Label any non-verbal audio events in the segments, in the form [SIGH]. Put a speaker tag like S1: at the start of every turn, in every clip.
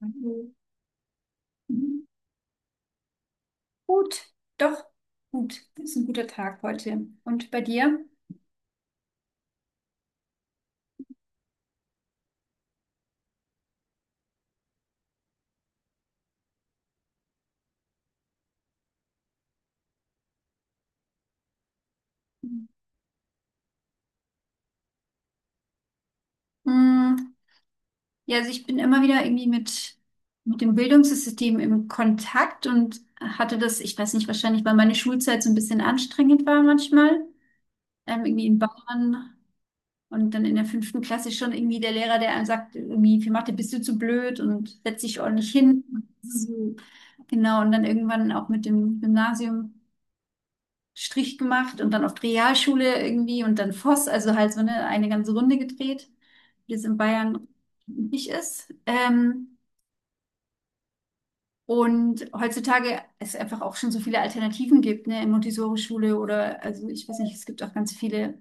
S1: Hallo. Mhm. Gut, doch, gut. Das ist ein guter Tag heute. Und bei dir? Mm, Ja, also ich bin immer wieder irgendwie mit dem Bildungssystem im Kontakt und hatte das, ich weiß nicht, wahrscheinlich, weil meine Schulzeit so ein bisschen anstrengend war manchmal. Irgendwie in Bayern. Und dann in der fünften Klasse schon irgendwie der Lehrer, der einem sagt, irgendwie für Mathe bist du zu blöd und setz dich ordentlich hin. So. Genau, und dann irgendwann auch mit dem Gymnasium Strich gemacht und dann auf die Realschule irgendwie und dann Voss, also halt so eine ganze Runde gedreht, wie es in Bayern üblich ist. Und heutzutage es einfach auch schon so viele Alternativen gibt, ne, in Montessori-Schule oder, also ich weiß nicht, es gibt auch ganz viele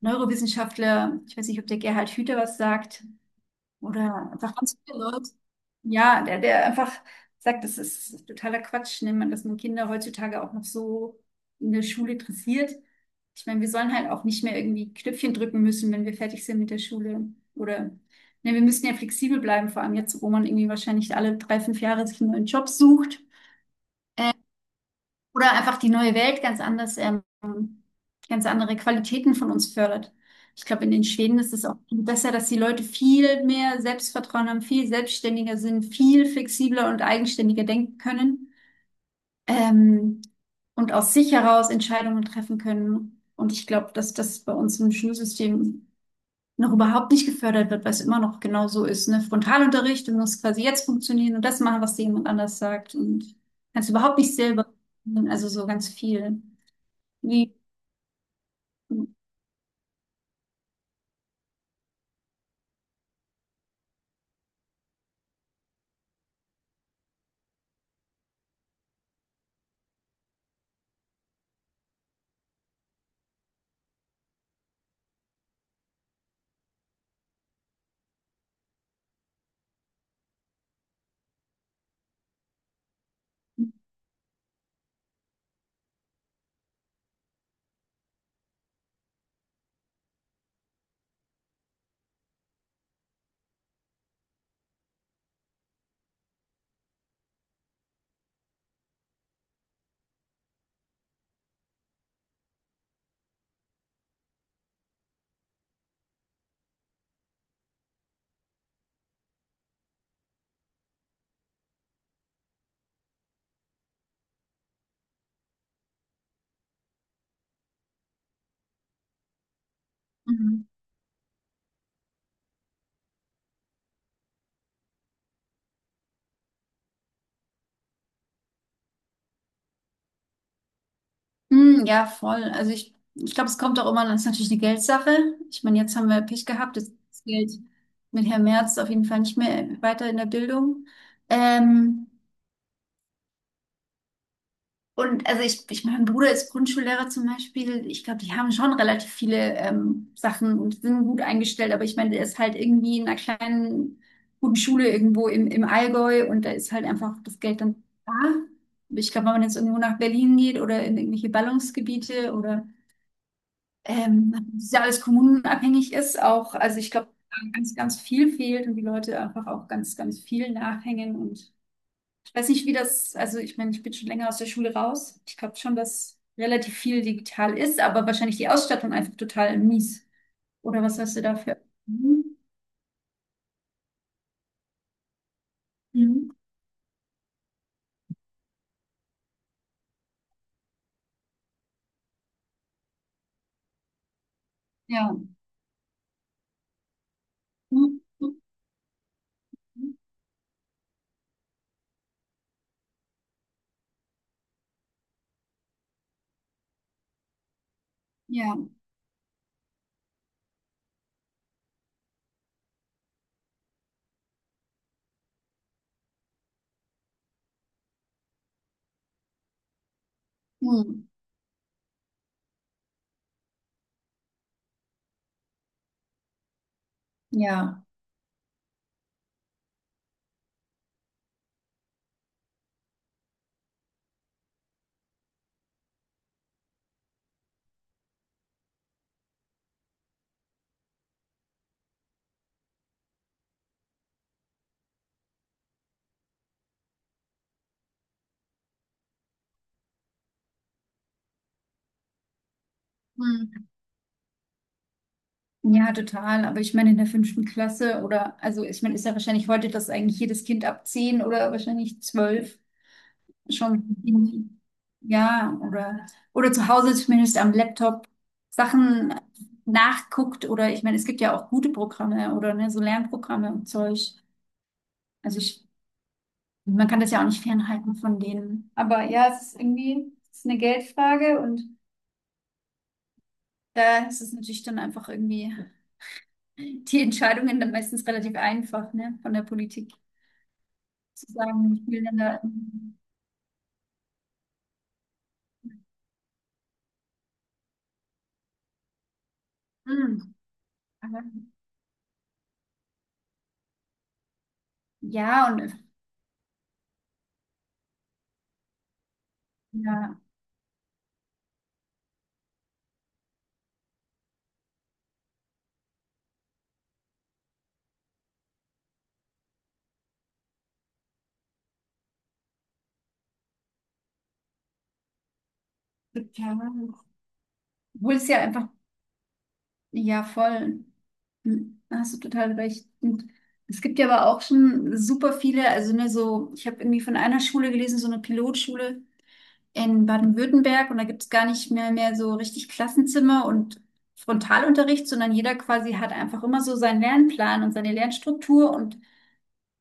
S1: Neurowissenschaftler, ich weiß nicht, ob der Gerhard Hüter was sagt. Oder einfach, ganz viele Leute. Ja, der einfach sagt, das ist totaler Quatsch, ne, man, dass man Kinder heutzutage auch noch so in der Schule interessiert. Ich meine, wir sollen halt auch nicht mehr irgendwie Knöpfchen drücken müssen, wenn wir fertig sind mit der Schule. Oder, ne, wir müssen ja flexibel bleiben, vor allem jetzt, wo man irgendwie wahrscheinlich alle drei, fünf Jahre sich einen neuen Job sucht. Oder einfach die neue Welt ganz anders, ganz andere Qualitäten von uns fördert. Ich glaube, in den Schweden ist es auch besser, dass die Leute viel mehr Selbstvertrauen haben, viel selbstständiger sind, viel flexibler und eigenständiger denken können, ähm, und aus sich heraus Entscheidungen treffen können. Und ich glaube, dass das bei uns im Schulsystem noch überhaupt nicht gefördert wird, weil es immer noch genau so ist, ne? Frontalunterricht, du musst quasi jetzt funktionieren und das machen, was dir jemand anders sagt und kannst überhaupt nicht selber, [LAUGHS] also so ganz viel. Wie, mhm. Mhm, ja, voll. Also ich glaube, es kommt auch immer, das ist natürlich eine Geldsache. Ich meine, jetzt haben wir Pech gehabt, jetzt ist das Geld mit Herrn Merz auf jeden Fall nicht mehr weiter in der Bildung. Ähm, Und also mein Bruder ist Grundschullehrer zum Beispiel. Ich glaube, die haben schon relativ viele Sachen und sind gut eingestellt. Aber ich meine, der ist halt irgendwie in einer kleinen, guten Schule irgendwo im Allgäu und da ist halt einfach das Geld dann da. Ich glaube, wenn man jetzt irgendwo nach Berlin geht oder in irgendwelche Ballungsgebiete oder das ist ja alles kommunenabhängig ist, auch, also ich glaube, da ganz, ganz viel fehlt und die Leute einfach auch ganz, ganz viel nachhängen und weiß nicht, wie das, also ich meine, ich bin schon länger aus der Schule raus. Ich glaube schon, dass relativ viel digital ist, aber wahrscheinlich die Ausstattung einfach total mies. Oder was hast du dafür? Mhm. Mhm. Ja. Mhm. Ja. Mhm. Ja. Mhm. Ja, total. Aber ich meine, in der fünften Klasse oder, also ich meine, ist ja wahrscheinlich heute, dass eigentlich jedes Kind ab 10 oder wahrscheinlich 12 schon irgendwie, ja, oder zu Hause zumindest am Laptop Sachen nachguckt oder ich meine, es gibt ja auch gute Programme oder ne, so Lernprogramme und Zeug. Also ich, man kann das ja auch nicht fernhalten von denen. Aber ja, es ist irgendwie, es ist eine Geldfrage und da ist es natürlich dann einfach irgendwie die Entscheidungen dann meistens relativ einfach, ne, von der Politik zu sagen, ich will dann da. Hm. Ja, und ja, total. Obwohl es ja einfach ja, voll. Hm, hast du total recht. Und es gibt ja aber auch schon super viele, also ne, so, ich habe irgendwie von einer Schule gelesen, so eine Pilotschule in Baden-Württemberg und da gibt es gar nicht mehr mehr so richtig Klassenzimmer und Frontalunterricht, sondern jeder quasi hat einfach immer so seinen Lernplan und seine Lernstruktur und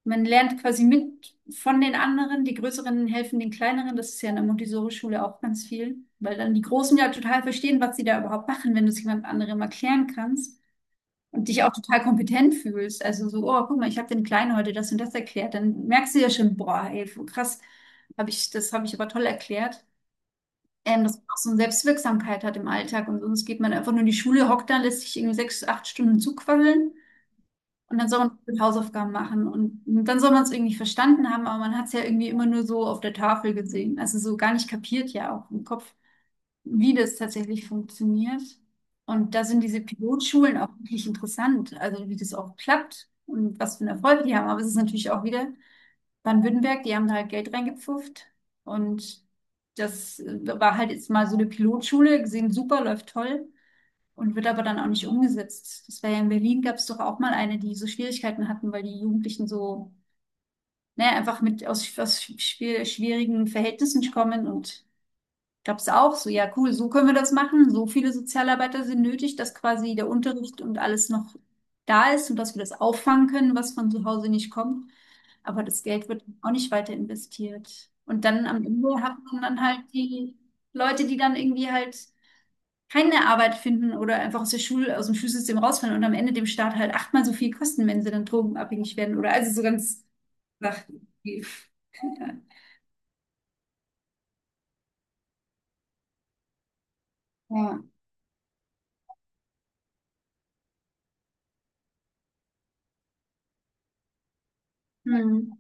S1: man lernt quasi mit von den anderen. Die Größeren helfen den Kleineren. Das ist ja in der Montessori-Schule auch ganz viel, weil dann die Großen ja total verstehen, was sie da überhaupt machen, wenn du es jemand anderem erklären kannst und dich auch total kompetent fühlst. Also so, oh, guck mal, ich habe den Kleinen heute das und das erklärt. Dann merkst du ja schon, boah, ey, krass, habe ich, das habe ich aber toll erklärt. Dass man auch so eine Selbstwirksamkeit hat im Alltag und sonst geht man einfach nur in die Schule, hockt da, lässt sich irgendwie 6, 8 Stunden zuquasseln und dann soll man mit Hausaufgaben machen und dann soll man es irgendwie verstanden haben, aber man hat es ja irgendwie immer nur so auf der Tafel gesehen, also so gar nicht kapiert ja auch im Kopf wie das tatsächlich funktioniert. Und da sind diese Pilotschulen auch wirklich interessant, also wie das auch klappt und was für einen Erfolg die haben. Aber es ist natürlich auch wieder Baden-Württemberg, die haben da halt Geld reingepfufft. Und das war halt jetzt mal so eine Pilotschule, gesehen, super, läuft toll und wird aber dann auch nicht umgesetzt. Das war ja in Berlin, gab es doch auch mal eine, die so Schwierigkeiten hatten, weil die Jugendlichen so, naja, einfach mit aus schwierigen Verhältnissen kommen und gab es auch so, ja cool, so können wir das machen. So viele Sozialarbeiter sind nötig, dass quasi der Unterricht und alles noch da ist und dass wir das auffangen können, was von zu Hause nicht kommt. Aber das Geld wird auch nicht weiter investiert. Und dann am Ende hat man dann halt die Leute, die dann irgendwie halt keine Arbeit finden oder einfach aus der Schule, aus dem Schulsystem rausfallen und am Ende dem Staat halt achtmal so viel kosten, wenn sie dann drogenabhängig werden oder also so ganz Sachen. Ja. Ja. Hm.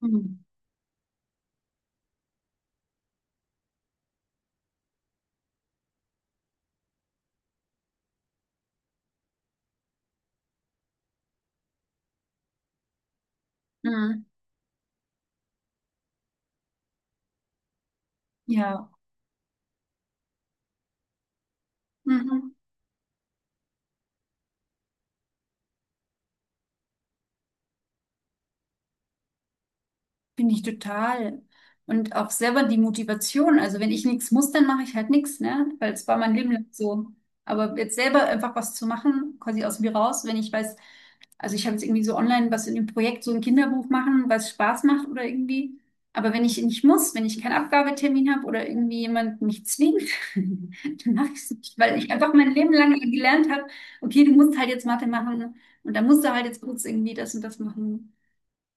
S1: Hm. Hm. Ja. Mhm. Finde ich total. Und auch selber die Motivation. Also wenn ich nichts muss, dann mache ich halt nichts, ne? Weil es war mein Leben lang so. Aber jetzt selber einfach was zu machen, quasi aus mir raus, wenn ich weiß, also ich habe jetzt irgendwie so online was in dem Projekt, so ein Kinderbuch machen, was Spaß macht oder irgendwie. Aber wenn ich nicht muss, wenn ich keinen Abgabetermin habe oder irgendwie jemand mich zwingt, [LAUGHS] dann mache ich es nicht. Weil ich einfach mein Leben lang gelernt habe, okay, du musst halt jetzt Mathe machen und dann musst du halt jetzt kurz irgendwie das und das machen.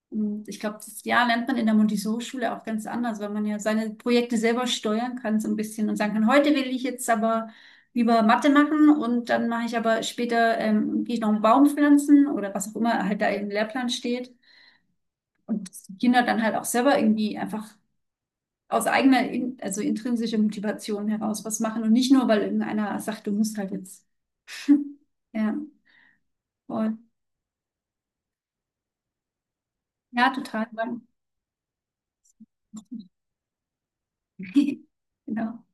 S1: Und ich glaube, das ja, lernt man in der Montessori-Schule auch ganz anders, weil man ja seine Projekte selber steuern kann, so ein bisschen und sagen kann, heute will ich jetzt aber lieber Mathe machen und dann mache ich aber später, gehe ich noch einen Baum pflanzen oder was auch immer halt da im Lehrplan steht. Und dass die Kinder dann halt auch selber irgendwie einfach aus eigener, in, also intrinsischer Motivation heraus was machen und nicht nur, weil irgendeiner sagt, du musst halt jetzt. [LAUGHS] Ja, voll. Ja, total. [LAUGHS] Genau.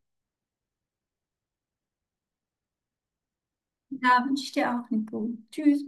S1: Ja, wünsche ich dir auch, Nico. Tschüss.